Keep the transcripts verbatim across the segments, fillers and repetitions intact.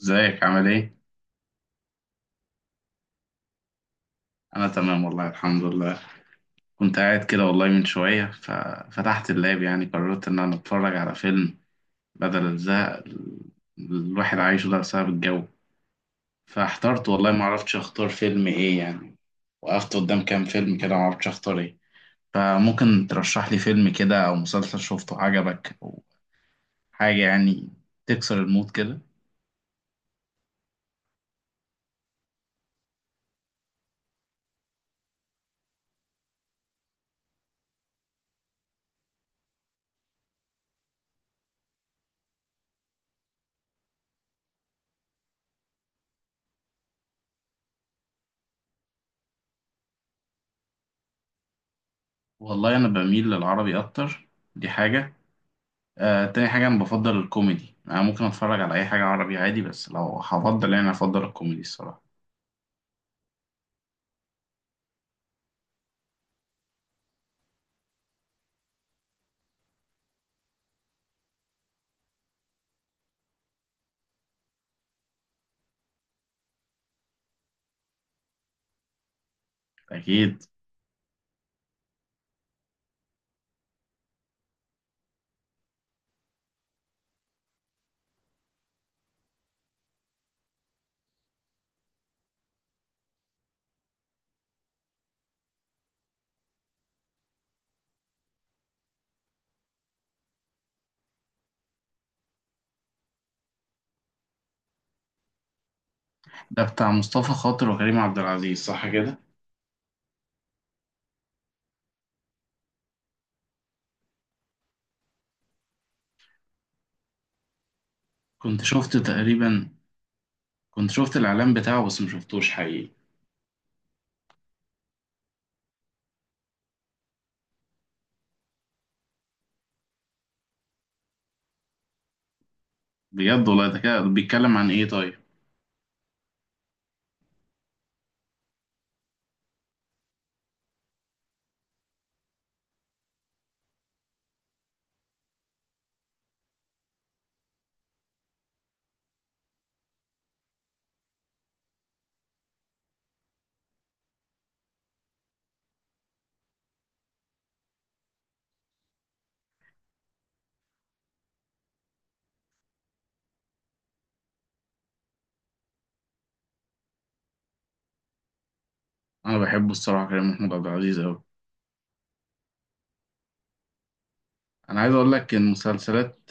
ازيك عامل ايه؟ انا تمام والله الحمد لله. كنت قاعد كده والله من شوية ففتحت اللاب، يعني قررت ان انا اتفرج على فيلم بدل الزهق ال- الواحد عايشه ده بسبب الجو. فاحترت والله، ما عرفتش اختار فيلم ايه يعني. وقفت قدام كام فيلم كده، ما عرفتش اختار ايه. فممكن ترشح لي فيلم كده او مسلسل شفته عجبك او حاجة يعني، تكسر المود كده. والله انا بميل للعربي اكتر. دي حاجة. آه، تاني حاجة أنا بفضل الكوميدي. أنا ممكن أتفرج على أي حاجة عربي عادي، بس لو هفضل يعني أفضل الكوميدي الصراحة. أكيد. ده بتاع مصطفى خاطر وكريم عبد العزيز صح كده؟ كنت شفت تقريبا، كنت شفت الإعلان بتاعه بس مشفتوش حقيقي. بجد والله، ده كده بيتكلم عن إيه طيب؟ أنا بحبه الصراحة كريم محمود عبد العزيز أوي. أنا عايز أقول لك المسلسلات.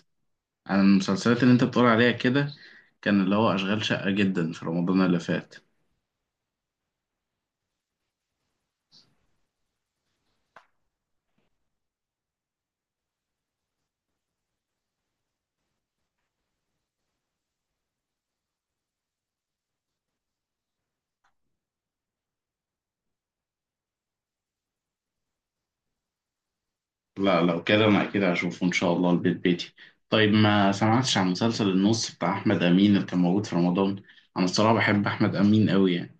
أنا المسلسلات اللي أنت بتقول عليها كده، كان اللي هو أشغال شقة جدا في رمضان اللي فات. لا لو كده انا اكيد هشوفه ان شاء الله البيت بيتي. طيب ما سمعتش عن مسلسل النص بتاع احمد امين اللي كان موجود في رمضان؟ انا الصراحه بحب احمد امين قوي يعني.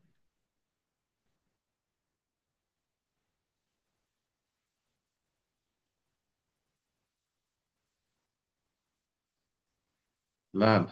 لا لا.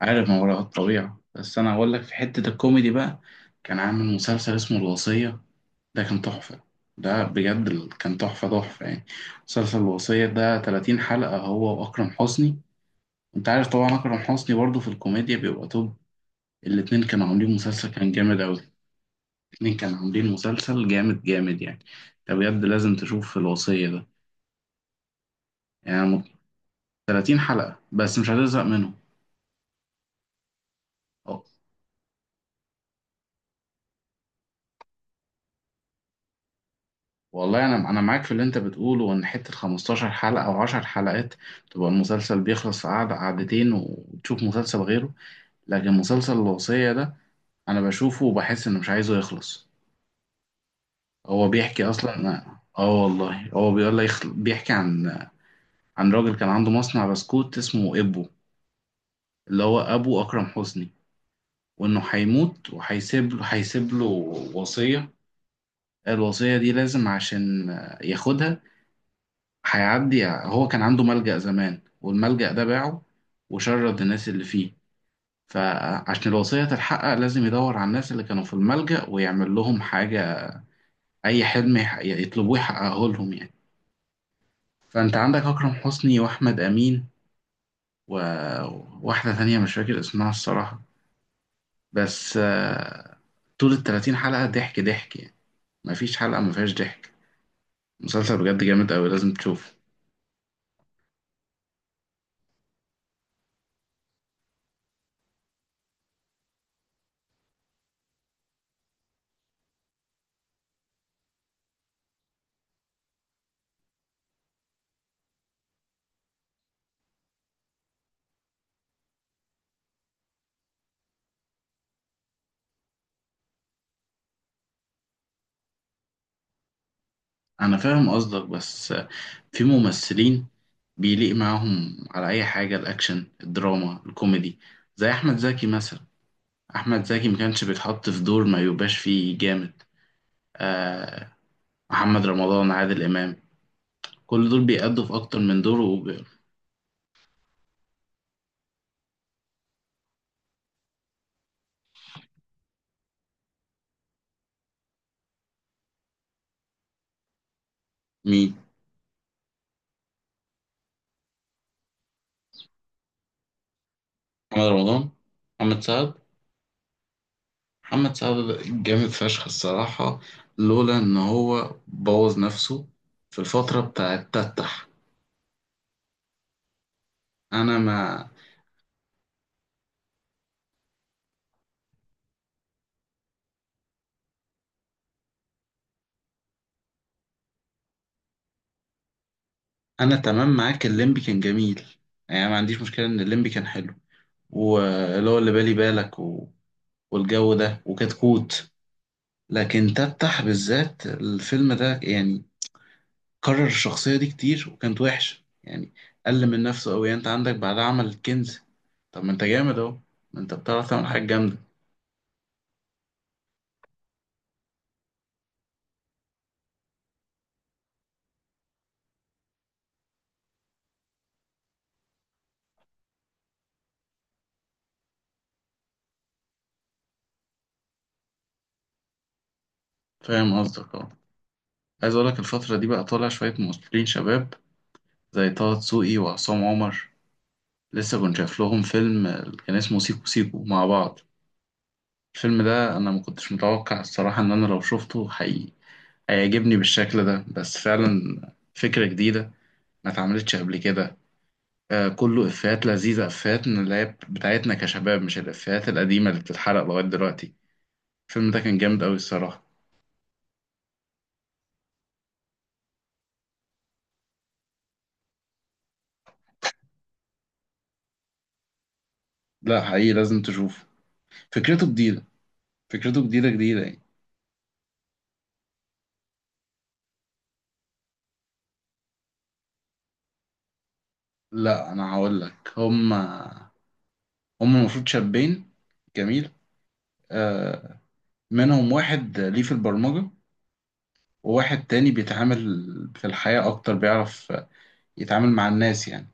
عارف ما وراء الطبيعه، بس انا هقول لك في حته الكوميدي بقى، كان عامل مسلسل اسمه الوصيه. ده كان تحفه. ده بجد ال- كان تحفه تحفه يعني. مسلسل الوصيه ده تلاتين حلقه، هو واكرم حسني. انت عارف طبعا اكرم حسني برضه في الكوميديا بيبقى توب. الاتنين كانوا عاملين مسلسل كان جامد قوي. اتنين كانوا عاملين مسلسل جامد جامد يعني. انت بجد لازم تشوف الوصية ده. يعني مت- ثلاثين حلقة بس مش هتزهق منهم. اه والله، انا انا معاك في اللي انت بتقوله، ان حتة خمستاشر حلقة او عشر حلقات تبقى المسلسل بيخلص في قعدة قعدتين وتشوف مسلسل غيره. لكن مسلسل الوصية ده انا بشوفه وبحس انه مش عايزه يخلص. هو بيحكي اصلا. اه والله، هو بيقول لك يخل... بيحكي عن عن راجل كان عنده مصنع بسكوت اسمه ابو، اللي هو ابو اكرم حسني. وانه هيموت وهيسيب له هيسيب له وصية. الوصية دي لازم عشان ياخدها هيعدي. هو كان عنده ملجأ زمان، والملجأ ده باعه وشرد الناس اللي فيه. فعشان الوصية تتحقق لازم يدور على الناس اللي كانوا في الملجأ ويعمل لهم حاجة، أي حلم يح- يطلبوه يحققه لهم يعني. فأنت عندك أكرم حسني وأحمد أمين وواحدة تانية مش فاكر اسمها الصراحة، بس آه، طول التلاتين حلقة ضحك ضحك يعني. مفيش حلقة مفيهاش ضحك. مسلسل بجد جامد أوي، لازم تشوفه. أنا فاهم قصدك، بس في ممثلين بيليق معاهم على أي حاجة، الأكشن الدراما الكوميدي. زي أحمد زكي مثلا، أحمد زكي ما كانش بيتحط في دور ما يبقاش فيه جامد. آه، محمد رمضان، عادل إمام، كل دول بيأدوا في أكتر من دور وب... مين؟ محمد رمضان، محمد سعد. محمد سعد ده جامد فشخ الصراحة. لولا إن هو بوظ نفسه في الفترة بتاعت تتح. أنا ما انا تمام معاك، الليمبي كان جميل. يعني ما عنديش مشكله ان الليمبي كان حلو، واللي هو اللي بالي بالك و... والجو ده وكتكوت. لكن تفتح بالذات الفيلم ده يعني، كرر الشخصيه دي كتير وكانت وحشه يعني. قل من نفسه قوي. انت عندك بعد عمل الكنز، طب ما انت جامد اهو، ما انت بتعرف تعمل حاجه جامده. فاهم قصدك اه. عايز اقول لك الفتره دي بقى طالع شويه ممثلين شباب زي طه دسوقي وعصام عمر. لسه كنت شايف لهم فيلم كان اسمه سيكو سيكو مع بعض. الفيلم ده انا ما كنتش متوقع الصراحة ان انا لو شفته حقيقي هيعجبني بالشكل ده، بس فعلا فكرة جديدة ما اتعملتش قبل كده. آه، كله افيهات لذيذة، افيهات من اللي هي بتاعتنا كشباب، مش الافيهات القديمة اللي بتتحرق لغاية دلوقتي. الفيلم ده كان جامد قوي الصراحة. لا حقيقي لازم تشوفه. فكرته جديدة، فكرته جديدة جديدة يعني. لا انا هقول لك. هما هما المفروض شابين جميل، آه، منهم واحد ليه في البرمجة وواحد تاني بيتعامل في الحياة أكتر، بيعرف يتعامل مع الناس يعني.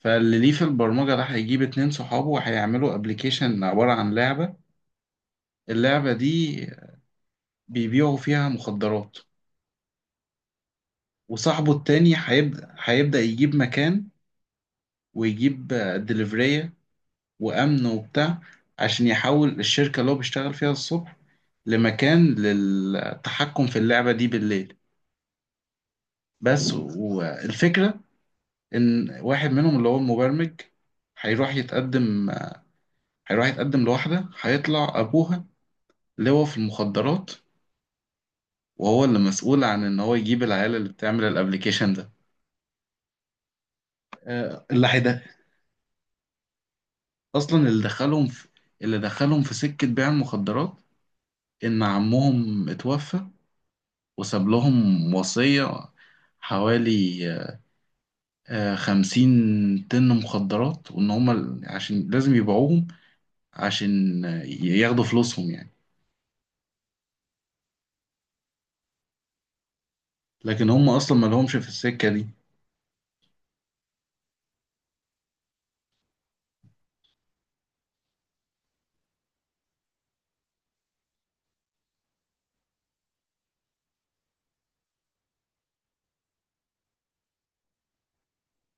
فاللي ليه في البرمجة ده هيجيب اتنين صحابه وهيعملوا ابلكيشن عبارة عن لعبة. اللعبة دي بيبيعوا فيها مخدرات. وصاحبه التاني هيبدأ هيبدأ يجيب مكان ويجيب دليفرية وأمن وبتاع، عشان يحول الشركة اللي هو بيشتغل فيها الصبح لمكان للتحكم في اللعبة دي بالليل. بس والفكرة ان واحد منهم اللي هو المبرمج هيروح يتقدم هيروح يتقدم لواحدة هيطلع أبوها لواء في المخدرات، وهو اللي مسؤول عن إن هو يجيب العيال اللي بتعمل الأبليكيشن ده. آه، اللي هيدا أصلا اللي دخلهم في اللي دخلهم في سكة بيع المخدرات. إن عمهم اتوفى وساب لهم وصية، حوالي آه، خمسين طن مخدرات، وإن هما ال- عشان لازم يبيعوهم عشان آه، ياخدوا فلوسهم يعني. لكن هم اصلا ما لهمش في السكه دي.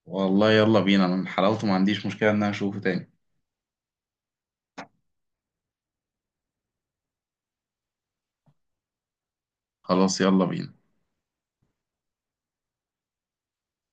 والله يلا بينا، انا من حلاوته ما عنديش مشكله ان انا اشوفه تاني. خلاص يلا بينا.